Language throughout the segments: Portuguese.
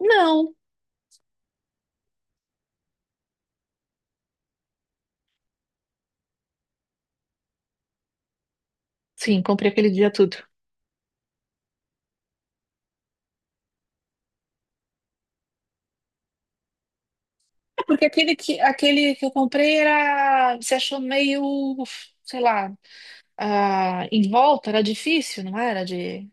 Não. Sim, comprei aquele dia tudo. É. Porque aquele que eu comprei era, se achou meio, sei lá, ah, em volta, era difícil, não era? De,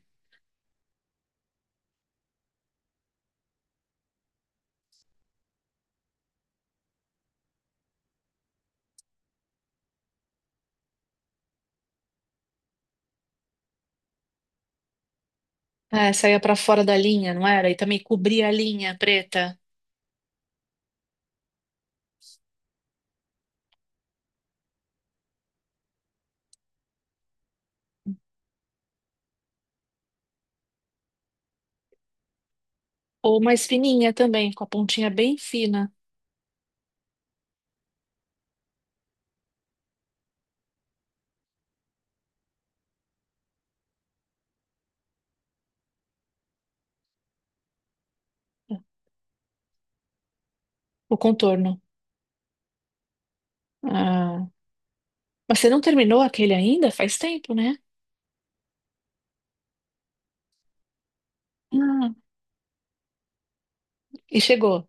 é, saía pra fora da linha, não era? E também cobria a linha preta. Ou mais fininha também, com a pontinha bem fina, é, o contorno. Ah, mas você não terminou aquele ainda? Faz tempo, né? Ah, e chegou.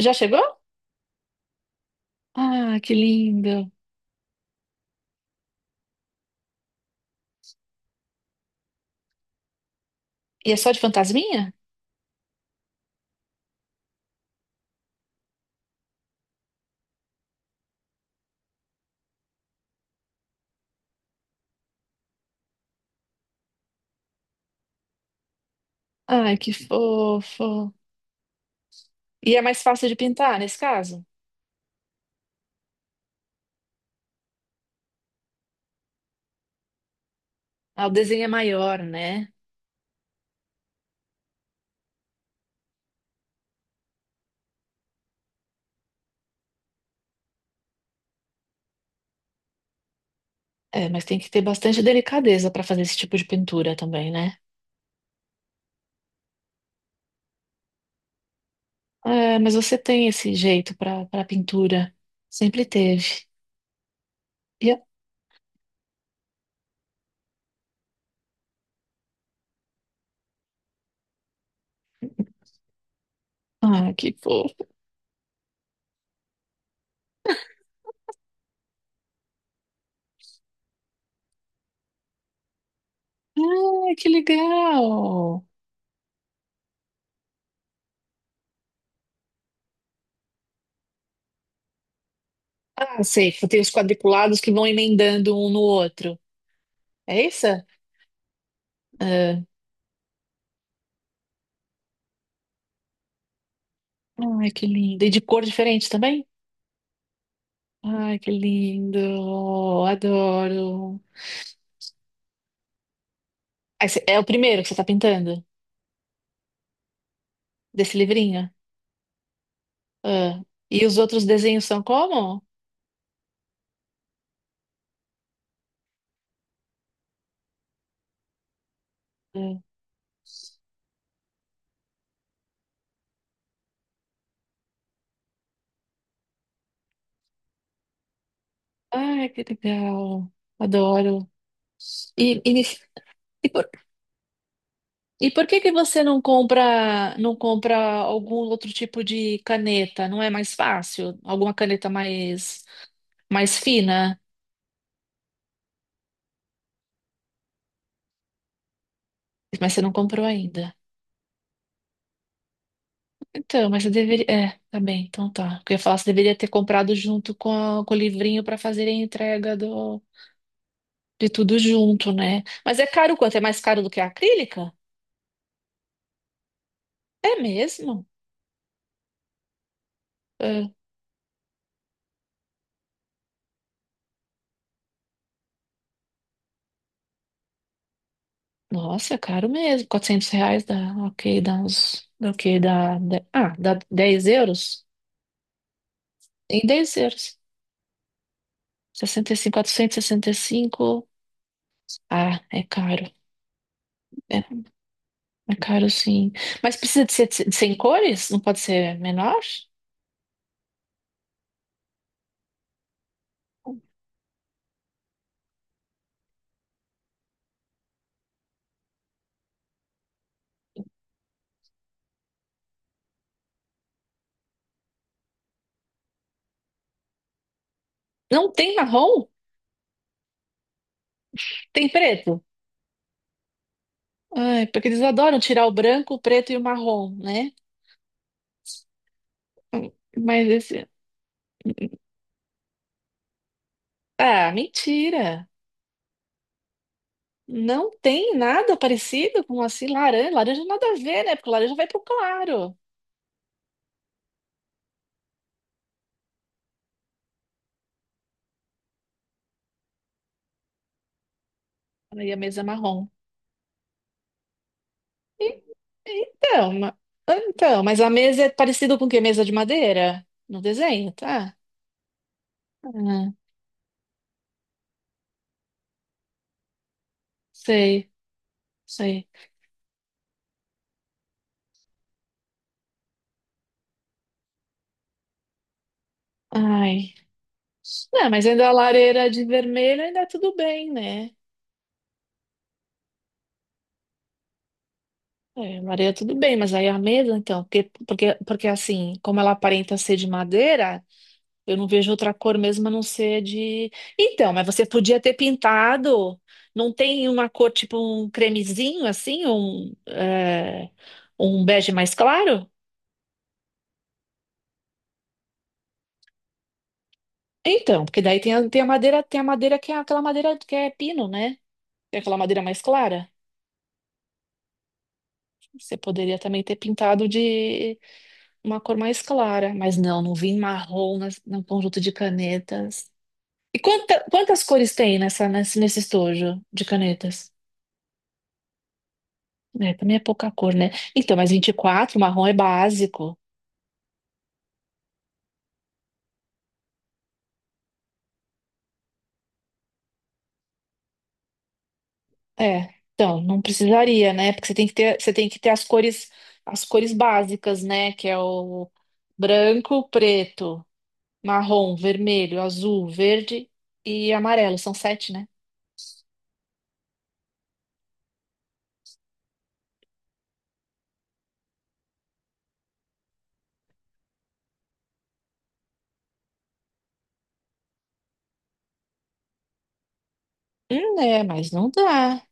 Já chegou? Ah, que lindo. E é só de fantasminha? Ai, que fofo. E é mais fácil de pintar nesse caso? Ah, o desenho é maior, né? É, mas tem que ter bastante delicadeza para fazer esse tipo de pintura também, né? É, mas você tem esse jeito para pintura. Sempre teve. E, eu- ah, que fofo. Ah, que legal. Ah, sei, tem os quadriculados que vão emendando um no outro. É isso? Ah, ai, que lindo. E de cor diferente também? Ai, que lindo. Adoro. Ah, esse é o primeiro que você está pintando? Desse livrinho? Ah, e os outros desenhos são como? Ah, ai, que legal. Adoro. E, e, e, por, e por que que você não compra algum outro tipo de caneta? Não é mais fácil? Alguma caneta mais fina? Mas você não comprou ainda. Então, mas eu deveria. É, tá bem, então tá. Porque eu ia falar, você deveria ter comprado junto com, com o livrinho para fazer a entrega do, de tudo junto, né? Mas é caro quanto? É mais caro do que a acrílica? É mesmo? É. Nossa, é caro mesmo. 400 reais dá, ok, dá uns, dá o quê? Ah, dá 10 euros? Em 10 euros. 60, 65, 465. Ah, é caro. É, é caro sim. Mas precisa de ser de sem cores? Não pode ser menor? Não tem marrom? Tem preto? Ai, porque eles adoram tirar o branco, o preto e o marrom, né? Mas esse. Ah, mentira! Não tem nada parecido com assim laranja. Laranja nada a ver, né? Porque laranja vai pro claro. Aí a mesa é marrom. E- então, ma- então, mas a mesa é parecida com o quê? Mesa de madeira? No desenho, tá? Ah, sei, sei. Ai. Não, mas ainda a lareira de vermelho ainda é tudo bem, né? É, a lareira é tudo bem, mas aí a mesa, então, porque assim, como ela aparenta ser de madeira. Eu não vejo outra cor mesmo a não ser de. Então, mas você podia ter pintado. Não tem uma cor tipo um cremezinho assim, um, é, um bege mais claro? Então, porque daí tem a, tem a madeira que é aquela madeira que é pino, né? Tem aquela madeira mais clara. Você poderia também ter pintado de uma cor mais clara, mas não, não vi marrom nas, no conjunto de canetas. E quantas cores tem nesse estojo de canetas? É, também é pouca cor, né? Então, mas 24 marrom é básico. É. Então, não precisaria, né? Porque você tem que ter, você tem que ter as cores básicas, né? Que é o branco, preto, marrom, vermelho, azul, verde e amarelo. São sete, né? É, mas não dá.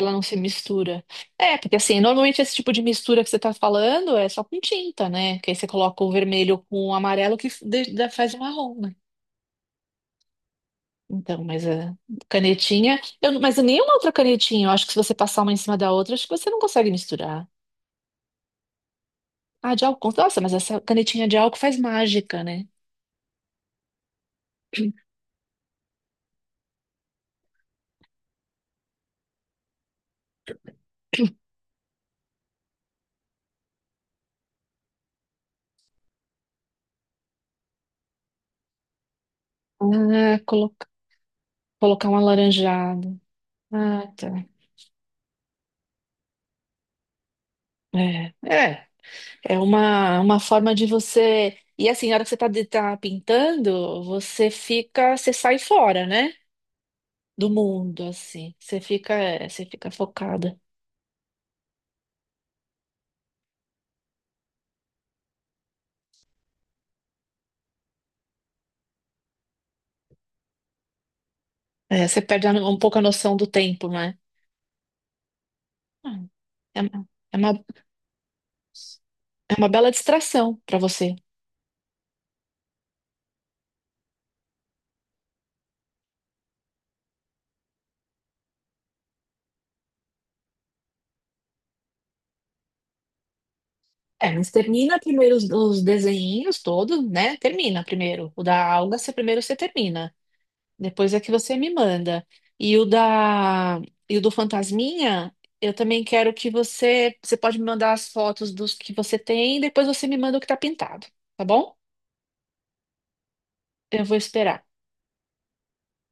Ela não se mistura. É, porque assim, normalmente esse tipo de mistura que você tá falando é só com tinta, né? Que aí você coloca o vermelho com o amarelo que faz o marrom, né? Então, mas a canetinha. Eu, não- mas nenhuma outra canetinha. Eu acho que se você passar uma em cima da outra, acho que você não consegue misturar. Ah, de álcool. Nossa, mas essa canetinha de álcool faz mágica, né? Ah, coloca- colocar um alaranjado. Ah, tá. É, é. É uma forma de você. E assim, na hora que você tá, tá pintando, você fica. Você sai fora, né? Do mundo, assim. Você fica, é, você fica focada. É, você perde um pouco a noção do tempo, né? Ah, é, é uma, é uma bela distração para você. É, mas termina primeiro os desenhinhos todos, né? Termina primeiro. O da alga, você primeiro você termina. Depois é que você me manda. E o da, e o do fantasminha, eu também quero que você você pode me mandar as fotos dos que você tem, depois você me manda o que tá pintado, tá bom? Eu vou esperar.